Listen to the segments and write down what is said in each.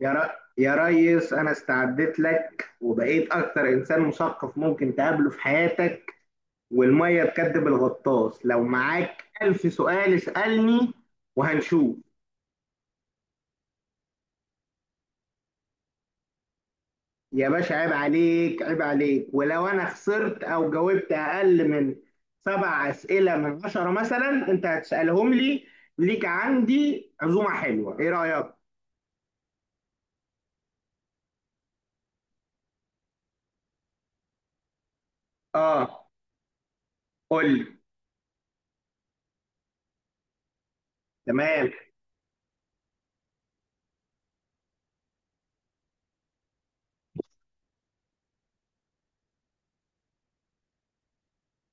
يا ر... يا ريس، انا استعدت لك وبقيت اكتر انسان مثقف ممكن تقابله في حياتك. والميه تكدب الغطاس، لو معاك الف سؤال اسألني وهنشوف. يا باشا عيب عليك عيب عليك، ولو انا خسرت او جاوبت اقل من سبع اسئلة من عشرة مثلا انت هتسألهم لي. ليك عندي عزومة حلوة، ايه رأيك؟ اه، قول لي. تمام.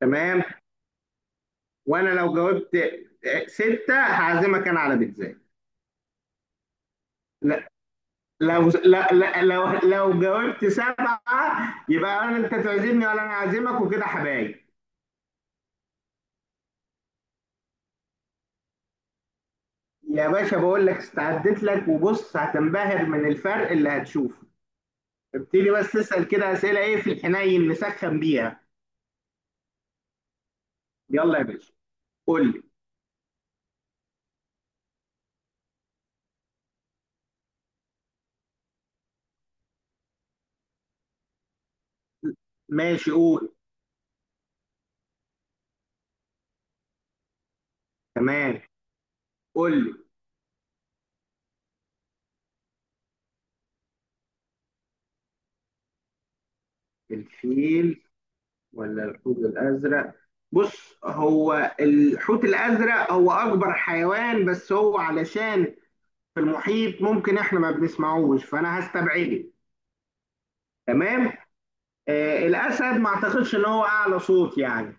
تمام، وانا لو جاوبت ستة هعزمك انا على بيتزا. لا. لو لا لا لو لو جاوبت سبعة يبقى انت تعزمني ولا انا اعزمك وكده حبايب. يا باشا بقول لك استعدت لك، وبص هتنبهر من الفرق اللي هتشوفه. ابتدي بس تسأل كده أسئلة ايه في الحنين نسخن بيها. يلا يا باشا، قول لي. ماشي، قول. تمام، قول لي. الفيل، ولا الحوت الأزرق. بص، هو الحوت الأزرق هو أكبر حيوان، بس هو علشان في المحيط ممكن احنا ما بنسمعوش، فانا هستبعده. تمام. الاسد ما اعتقدش ان هو اعلى صوت يعني.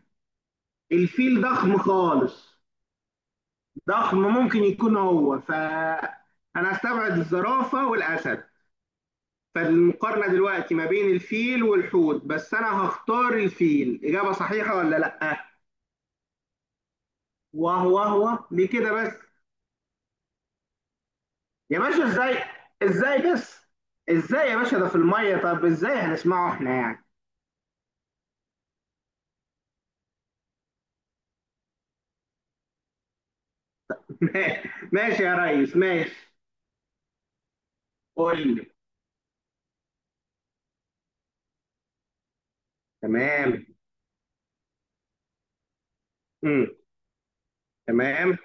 الفيل ضخم خالص، ضخم، ممكن يكون هو، فانا هستبعد الزرافه والاسد. فالمقارنه دلوقتي ما بين الفيل والحوت، بس انا هختار الفيل. اجابه صحيحه ولا لا؟ وهو ليه كده بس؟ يا باشا ازاي؟ ازاي بس؟ ازاي يا باشا؟ ده في الميه، طب ازاي هنسمعه احنا يعني؟ ماشي يا ريس، ماشي. قول لي. تمام. امم. تمام.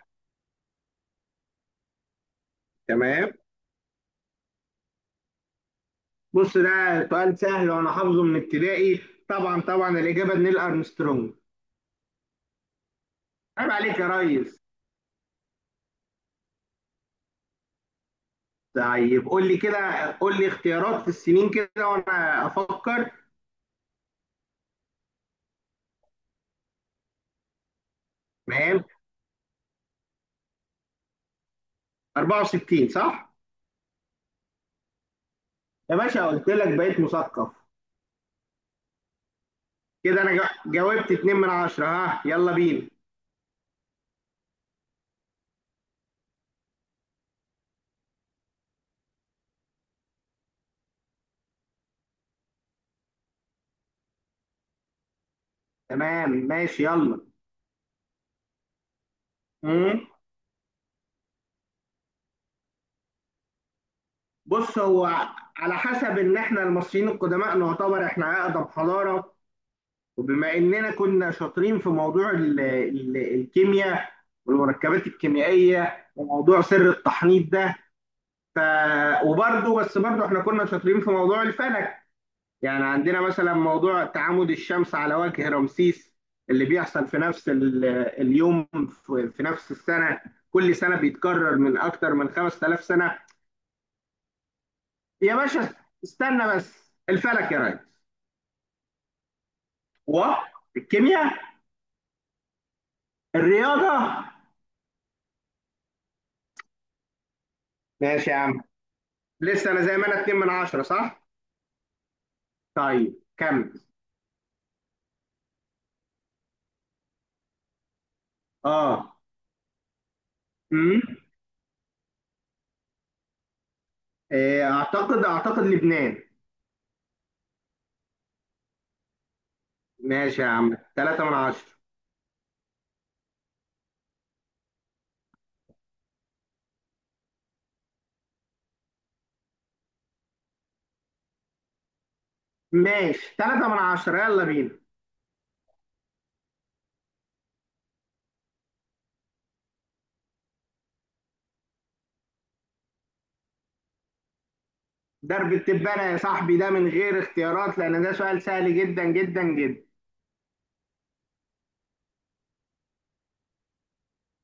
تمام. بص ده سؤال سهل وانا حافظه من ابتدائي. طبعا طبعا الاجابه نيل ارمسترونج. عيب عليك يا ريس. طيب قول لي كده، قول لي اختيارات في السنين كده وانا افكر. تمام. 64 صح. يا باشا قلت لك بقيت مثقف. كده انا جاوبت 2 من 10، ها يلا بينا. تمام، ماشي، يلا. امم بص هو، على حسب ان احنا المصريين القدماء نعتبر احنا اقدم حضاره، وبما اننا كنا شاطرين في موضوع ال ال الكيمياء والمركبات الكيميائيه وموضوع سر التحنيط ده. ف... وبرده بس برده احنا كنا شاطرين في موضوع الفلك، يعني عندنا مثلا موضوع تعامد الشمس على وجه رمسيس اللي بيحصل في نفس اليوم في نفس السنه، كل سنه بيتكرر من اكتر من 5000 سنه. يا باشا استنى بس، الفلك يا ريس والكيمياء. الرياضه. ماشي يا عم. لسه انا زي ما انا 2 من 10 صح؟ طيب كمل. اه. امم إيه، اعتقد لبنان. ماشي يا عم، 3 من 10. ماشي 3 من 10، يلا بينا. درب التبانة يا صاحبي، ده من غير اختيارات لان ده سؤال سهل جدا جدا جدا.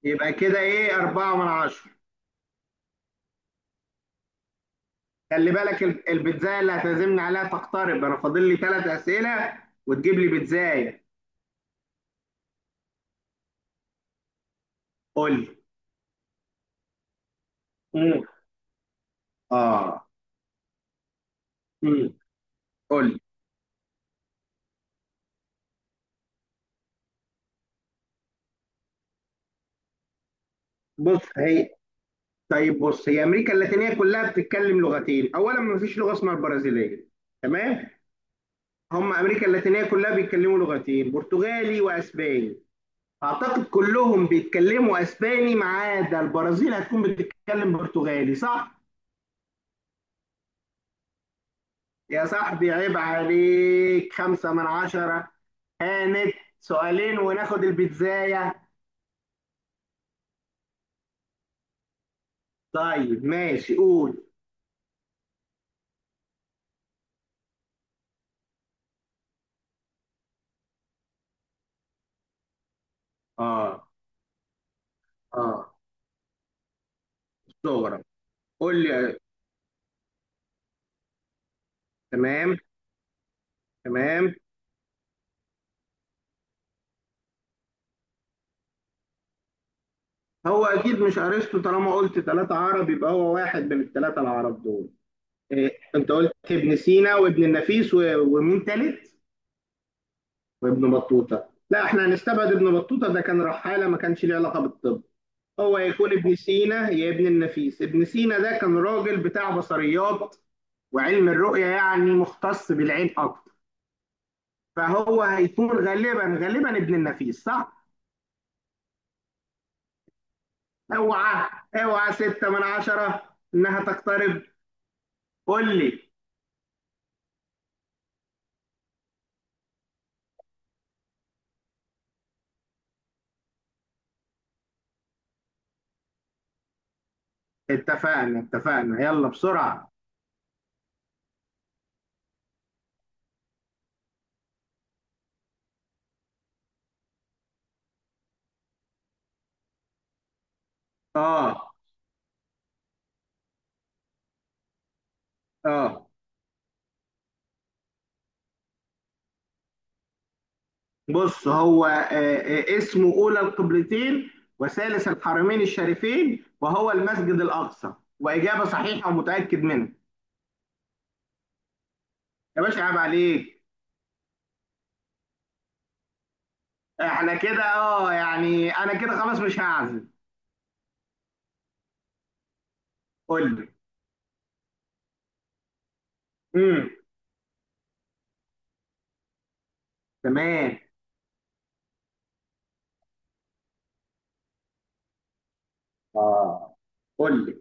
يبقى كده ايه، 4 من 10. خلي بالك، البيتزاية اللي هتعزمني عليها تقترب، انا فاضل لي ثلاث اسئلة وتجيب لي بيتزاية. قول لي. مم. اه. مم. قول لي. بص هي. طيب بص، هي امريكا اللاتينيه كلها بتتكلم لغتين، اولا ما فيش لغه اسمها البرازيليه. تمام. هم امريكا اللاتينيه كلها بيتكلموا لغتين، برتغالي واسباني. اعتقد كلهم بيتكلموا اسباني ما عدا البرازيل، هتكون بتتكلم برتغالي صح. يا صاحبي عيب عليك، خمسة من عشرة. هانت، سؤالين وناخد البيتزاية. طيب ماشي، قول. اه، اه، صغرى. قول لي. تمام. تمام. هو اكيد مش ارسطو، طالما قلت ثلاثة عرب يبقى هو واحد من الثلاثة العرب دول. إيه، انت قلت ابن سينا وابن النفيس ومين تالت؟ وابن بطوطة، لا احنا هنستبعد ابن بطوطة، ده كان رحالة ما كانش ليه علاقة بالطب. هو يكون ابن سينا يا ابن النفيس. ابن سينا ده كان راجل بتاع بصريات وعلم الرؤية، يعني مختص بالعين اكتر. فهو هيكون غالبا غالبا ابن النفيس، صح. اوعى، اوعى، ستة من عشرة، انها تقترب. قول لي. اتفقنا اتفقنا، يلا بسرعة. اه. اه. بص هو، اسمه أولى القبلتين وثالث الحرمين الشريفين، وهو المسجد الأقصى، وإجابة صحيحة ومتأكد منها. يا باشا عيب عليك. احنا كده، يعني انا كده خلاص مش هعزم. قول لي. امم. تمام. اه، قول لي.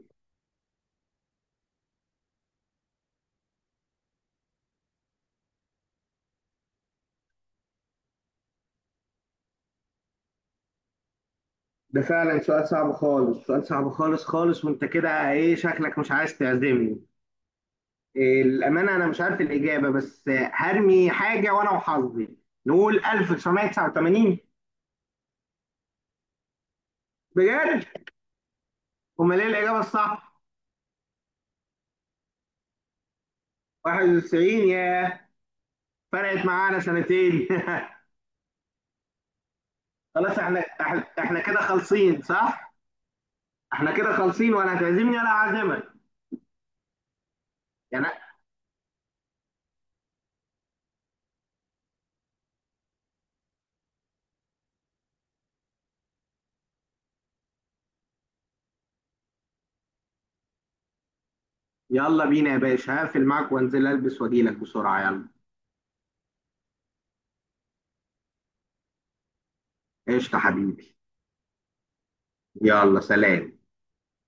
ده فعلا سؤال صعب خالص، سؤال صعب خالص خالص، وانت كده ايه شكلك مش عايز تعزمني. الأمانة أنا مش عارف الإجابة، بس هرمي حاجة وأنا وحظي، نقول 1989. بجد؟ أمال إيه الإجابة الصح؟ 91 يا. فرقت معانا سنتين. خلاص، احنا احنا إحنا كده خالصين صح؟ احنا كده خالصين ولا هتعزمني ولا هعزمك. يعني يلا بينا يا باشا، هقفل معاك وانزل البس واجيلك بسرعة يلا. قشطة حبيبي. يلا سلام.